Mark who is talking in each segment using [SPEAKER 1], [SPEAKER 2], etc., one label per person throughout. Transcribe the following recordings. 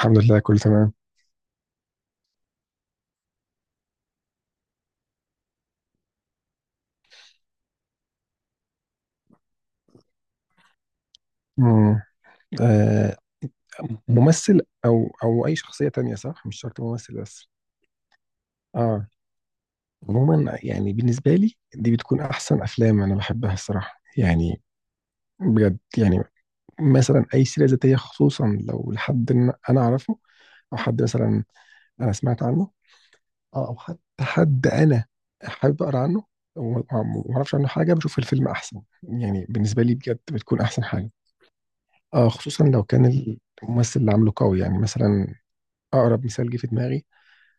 [SPEAKER 1] الحمد لله كله تمام. مم. آه، ممثل او اي شخصيه تانية، صح، مش شرط ممثل بس. اه، عموما يعني بالنسبه لي دي بتكون احسن افلام انا بحبها الصراحه يعني. بجد يعني، مثلا اي سيره ذاتيه، خصوصا لو لحد إن انا اعرفه او حد مثلا انا سمعت عنه، آه، او حتى حد انا حابب اقرا عنه وما ما اعرفش عنه حاجه بشوف الفيلم احسن. يعني بالنسبه لي بجد بتكون احسن حاجه. آه، خصوصا لو كان الممثل اللي عامله قوي. يعني مثلا اقرب مثال جه في دماغي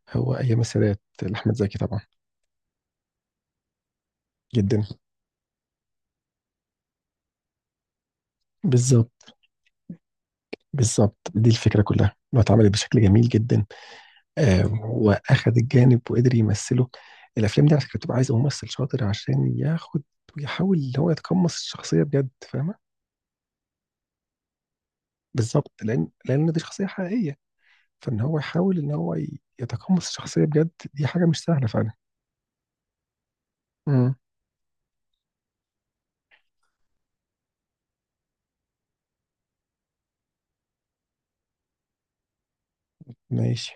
[SPEAKER 1] هو ايام السادات لاحمد زكي طبعا. جدا. بالظبط، بالظبط، دي الفكره كلها انه اتعملت بشكل جميل جدا. آه، واخد الجانب وقدر يمثله. الافلام دي على فكره بتبقى عايزه ممثل شاطر عشان ياخد ويحاول ان هو يتقمص الشخصيه بجد، فاهمه. بالظبط، لان دي شخصيه حقيقيه، فان هو يحاول ان هو يتقمص الشخصيه بجد دي حاجه مش سهله فعلا. امم ماشي.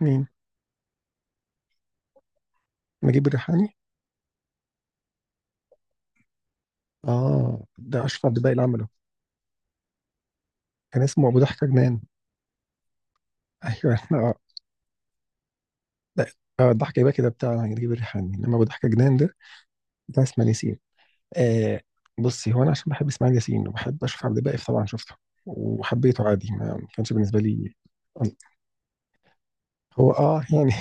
[SPEAKER 1] مين؟ نجيب الريحاني؟ اه، ده اشرف عبد الباقي اللي عمله. كان اسمه ابو ضحكه جنان. ايوه، احنا، اه لا، اه، الضحكه يبقى كده بتاع نجيب الريحاني، انما ابو ضحكه جنان ده بتاع اسماعيل ياسين. آه، بصي، هو انا عشان بحب اسماعيل ياسين وبحب اشوف عبد الباقي طبعا شفته وحبيته عادي، ما كانش بالنسبه لي. هو اه يعني.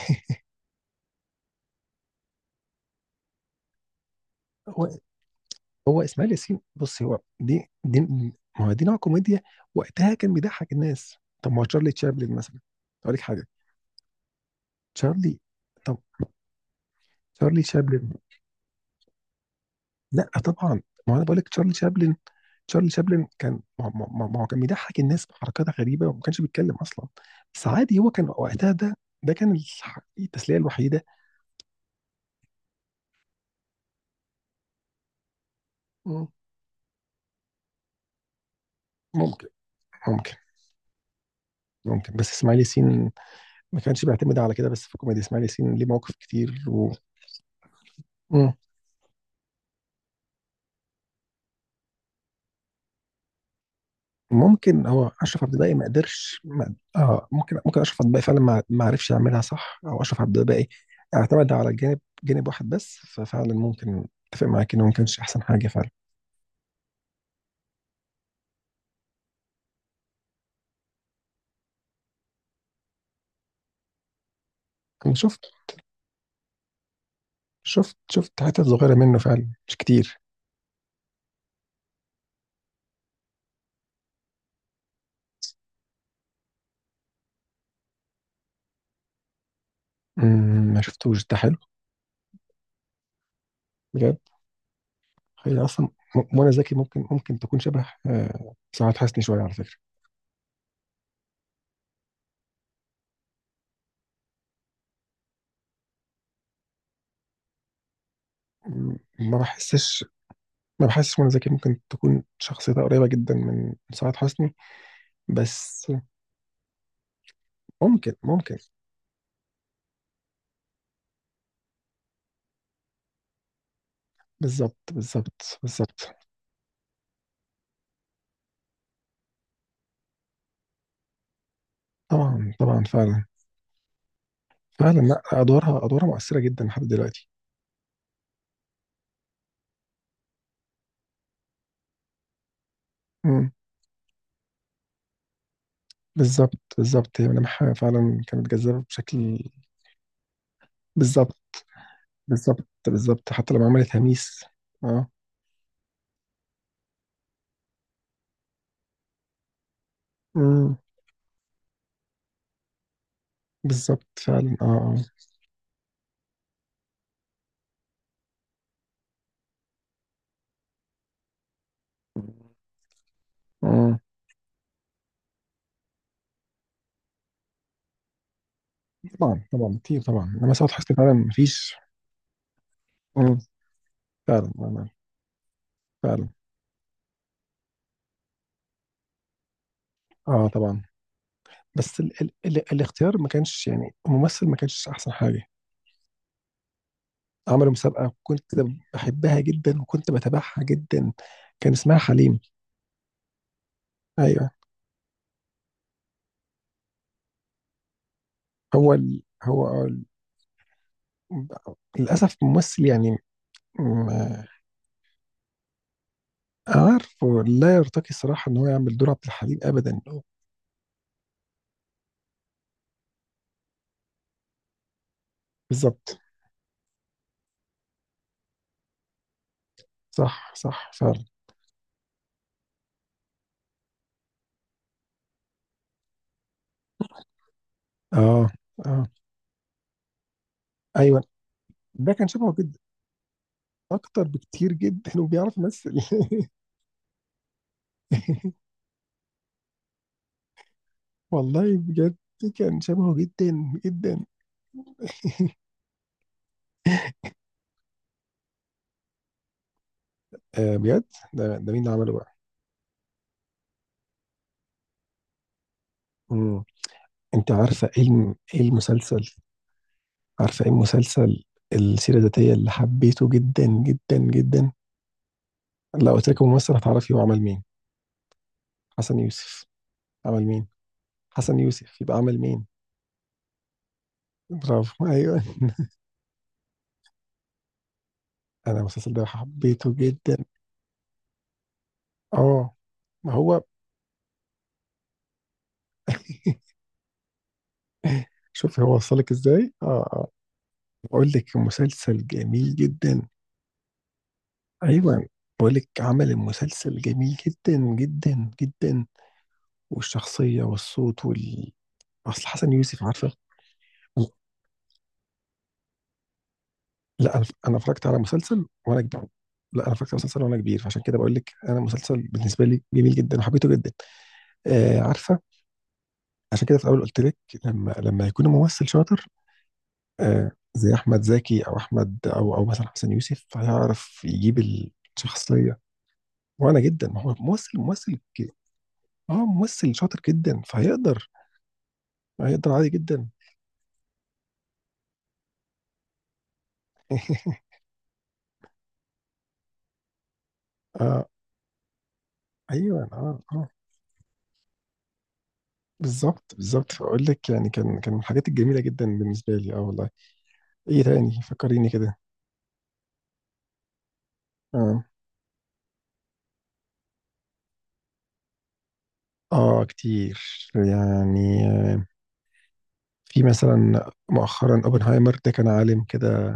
[SPEAKER 1] هو، هو اسماعيل ياسين، بصي هو دي. ما هو دي نوع كوميديا وقتها كان بيضحك الناس. طب ما هو تشارلي تشابلن مثلا، اقول لك حاجه. تشارلي، طب، تشارلي تشابلن، لا طبعا، ما هو انا بقول لك تشارلي تشابلن. تشارلي شابلن كان ما هو كان بيضحك الناس بحركات غريبه وما كانش بيتكلم اصلا، بس عادي، هو كان وقتها ده، ده كان التسليه الوحيده. مم. ممكن، ممكن. ممكن، بس اسماعيل ياسين ما كانش بيعتمد على كده بس في الكوميديا. اسماعيل ياسين ليه مواقف كتير و... مم. وممكن هو اشرف عبد الباقي ما قدرش، ما اه، ممكن ممكن اشرف عبد الباقي فعلا ما عرفش يعملها صح، او اشرف عبد الباقي اعتمد على جانب واحد بس، ففعلا ممكن اتفق معاك انه ما كانش احسن حاجه فعلا. انا شفت، شفت حتت صغيرة منه فعلا، مش كتير. مم، ما شفتوش ده. حلو؟ بجد. هي أصلا، منى زكي ممكن، ممكن تكون شبه، آه، سعاد حسني شوية على فكرة. مم، ما بحسش، ما بحسش منى زكي ممكن تكون شخصيتها قريبة جدا من سعاد حسني، بس. ممكن، ممكن. بالظبط، بالظبط، بالظبط. طبعا، طبعا، فعلا. فعلا، لا، أدوارها، أدوارها مؤثرة جدا لحد دلوقتي. مم، بالظبط، بالظبط، هي ملامحها فعلا كانت جذابة بشكل. بالظبط، بالظبط، بالظبط، حتى لما عملت هميس. اه. امم. بالظبط فعلا، اه. اه. آه. طبعا، طبعا، كتير طبعا، لما سعاد حسني فعلا مفيش. امم. فعلا، فعلا، فعلا. اه طبعا، بس ال الاختيار ما كانش، يعني الممثل ما كانش احسن حاجه. عملوا مسابقه، كنت بحبها جدا وكنت بتابعها جدا. كان اسمها حليم. ايوه. هو ال للاسف ممثل، يعني عارفه، لا يرتقي الصراحة إن هو يعمل دور عبد الحليم أبدا. بالظبط. صح، صح فعلا. آه. آه. أيوه، ده كان شبهه جدا، أكتر بكتير جدا، وبيعرف يمثل. والله بجد كان شبهه جدا جدا. آه، بجد. ده، ده مين اللي عمله بقى؟ مم. أنت عارفة إيه إيه المسلسل؟ عارفة إيه المسلسل، السيرة الذاتية اللي حبيته جدا جدا جدا؟ لو قلت لك ممثل هتعرفي هو عمل مين؟ حسن يوسف عمل مين؟ حسن يوسف يبقى عمل مين؟ برافو، ايوه. انا المسلسل ده حبيته جدا. اه، ما هو. شوفي هو وصلك ازاي. اه، اه. بقول لك مسلسل جميل جدا. ايوه، بقول لك عمل المسلسل جميل جدا جدا جدا، والشخصيه والصوت وال، اصل حسن يوسف عارفه. لا، انا، انا اتفرجت على مسلسل وانا كبير. لا، انا اتفرجت على مسلسل وانا كبير، فعشان كده بقول لك انا مسلسل بالنسبه لي جميل جدا وحبيته جدا. آه، عارفه، عشان كده في الاول قلت لك لما يكون ممثل شاطر، آه زي احمد زكي، او احمد، او مثلا حسن يوسف، هيعرف يجيب الشخصيه. وانا جدا، ما هو ممثل، ممثل، اه ممثل شاطر جدا، فهيقدر، هيقدر عادي جدا. اه، ايوه، اه، اه. بالظبط، بالظبط، فاقول لك يعني كان، كان من الحاجات الجميله جدا بالنسبه لي. اه والله. ايه تاني فكريني كده. اه. اه، كتير يعني. في مثلا مؤخرا اوبنهايمر ده، كان عالم كده،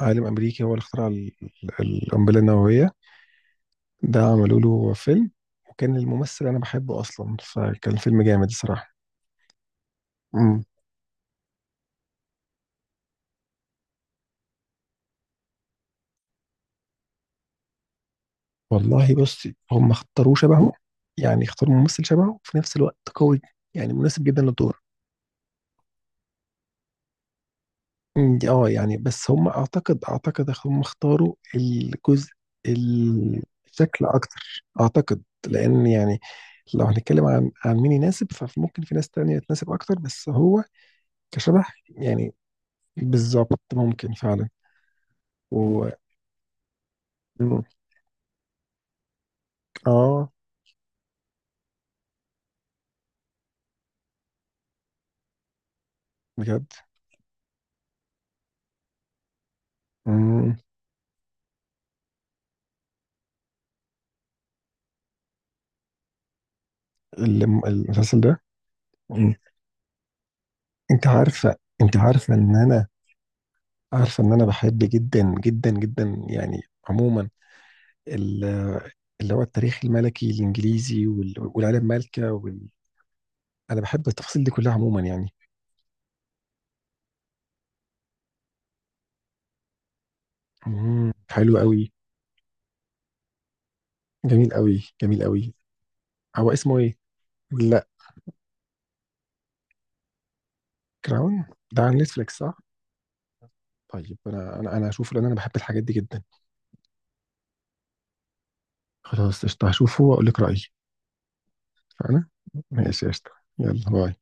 [SPEAKER 1] عالم امريكي، هو اللي اخترع القنبله النوويه. ده عملوا له فيلم، وكان الممثل انا بحبه اصلا، فكان فيلم جامد الصراحه. امم. والله بص، هم اختاروه شبهه، يعني اختاروا ممثل شبهه وفي نفس الوقت قوي، يعني مناسب جدا للدور. مم، يعني بس هم اعتقد، اعتقد هم اختاروا الجزء، الشكل اكتر، اعتقد، لان يعني لو هنتكلم عن مين يناسب، فممكن في ناس تانية تناسب اكتر، بس هو كشبه يعني. بالظبط، ممكن فعلا. و، مم، اه، بجد. مم، المسلسل ده. مم. انت عارفة، انت عارفة ان انا، عارفة ان انا بحب جدا جدا جدا يعني، عموما، اللي هو التاريخ الملكي الانجليزي والعيله المالكه وال... انا بحب التفاصيل دي كلها عموما يعني. مم. حلو قوي. جميل قوي، جميل قوي. هو اسمه ايه؟ لا. كراون؟ ده على نتفليكس، صح؟ طيب انا، انا، انا هشوفه، لان انا بحب الحاجات دي جدا. خلاص، قشطه، هشوفه واقول لك رايي. فانا، ماشي، قشطه. يلا باي.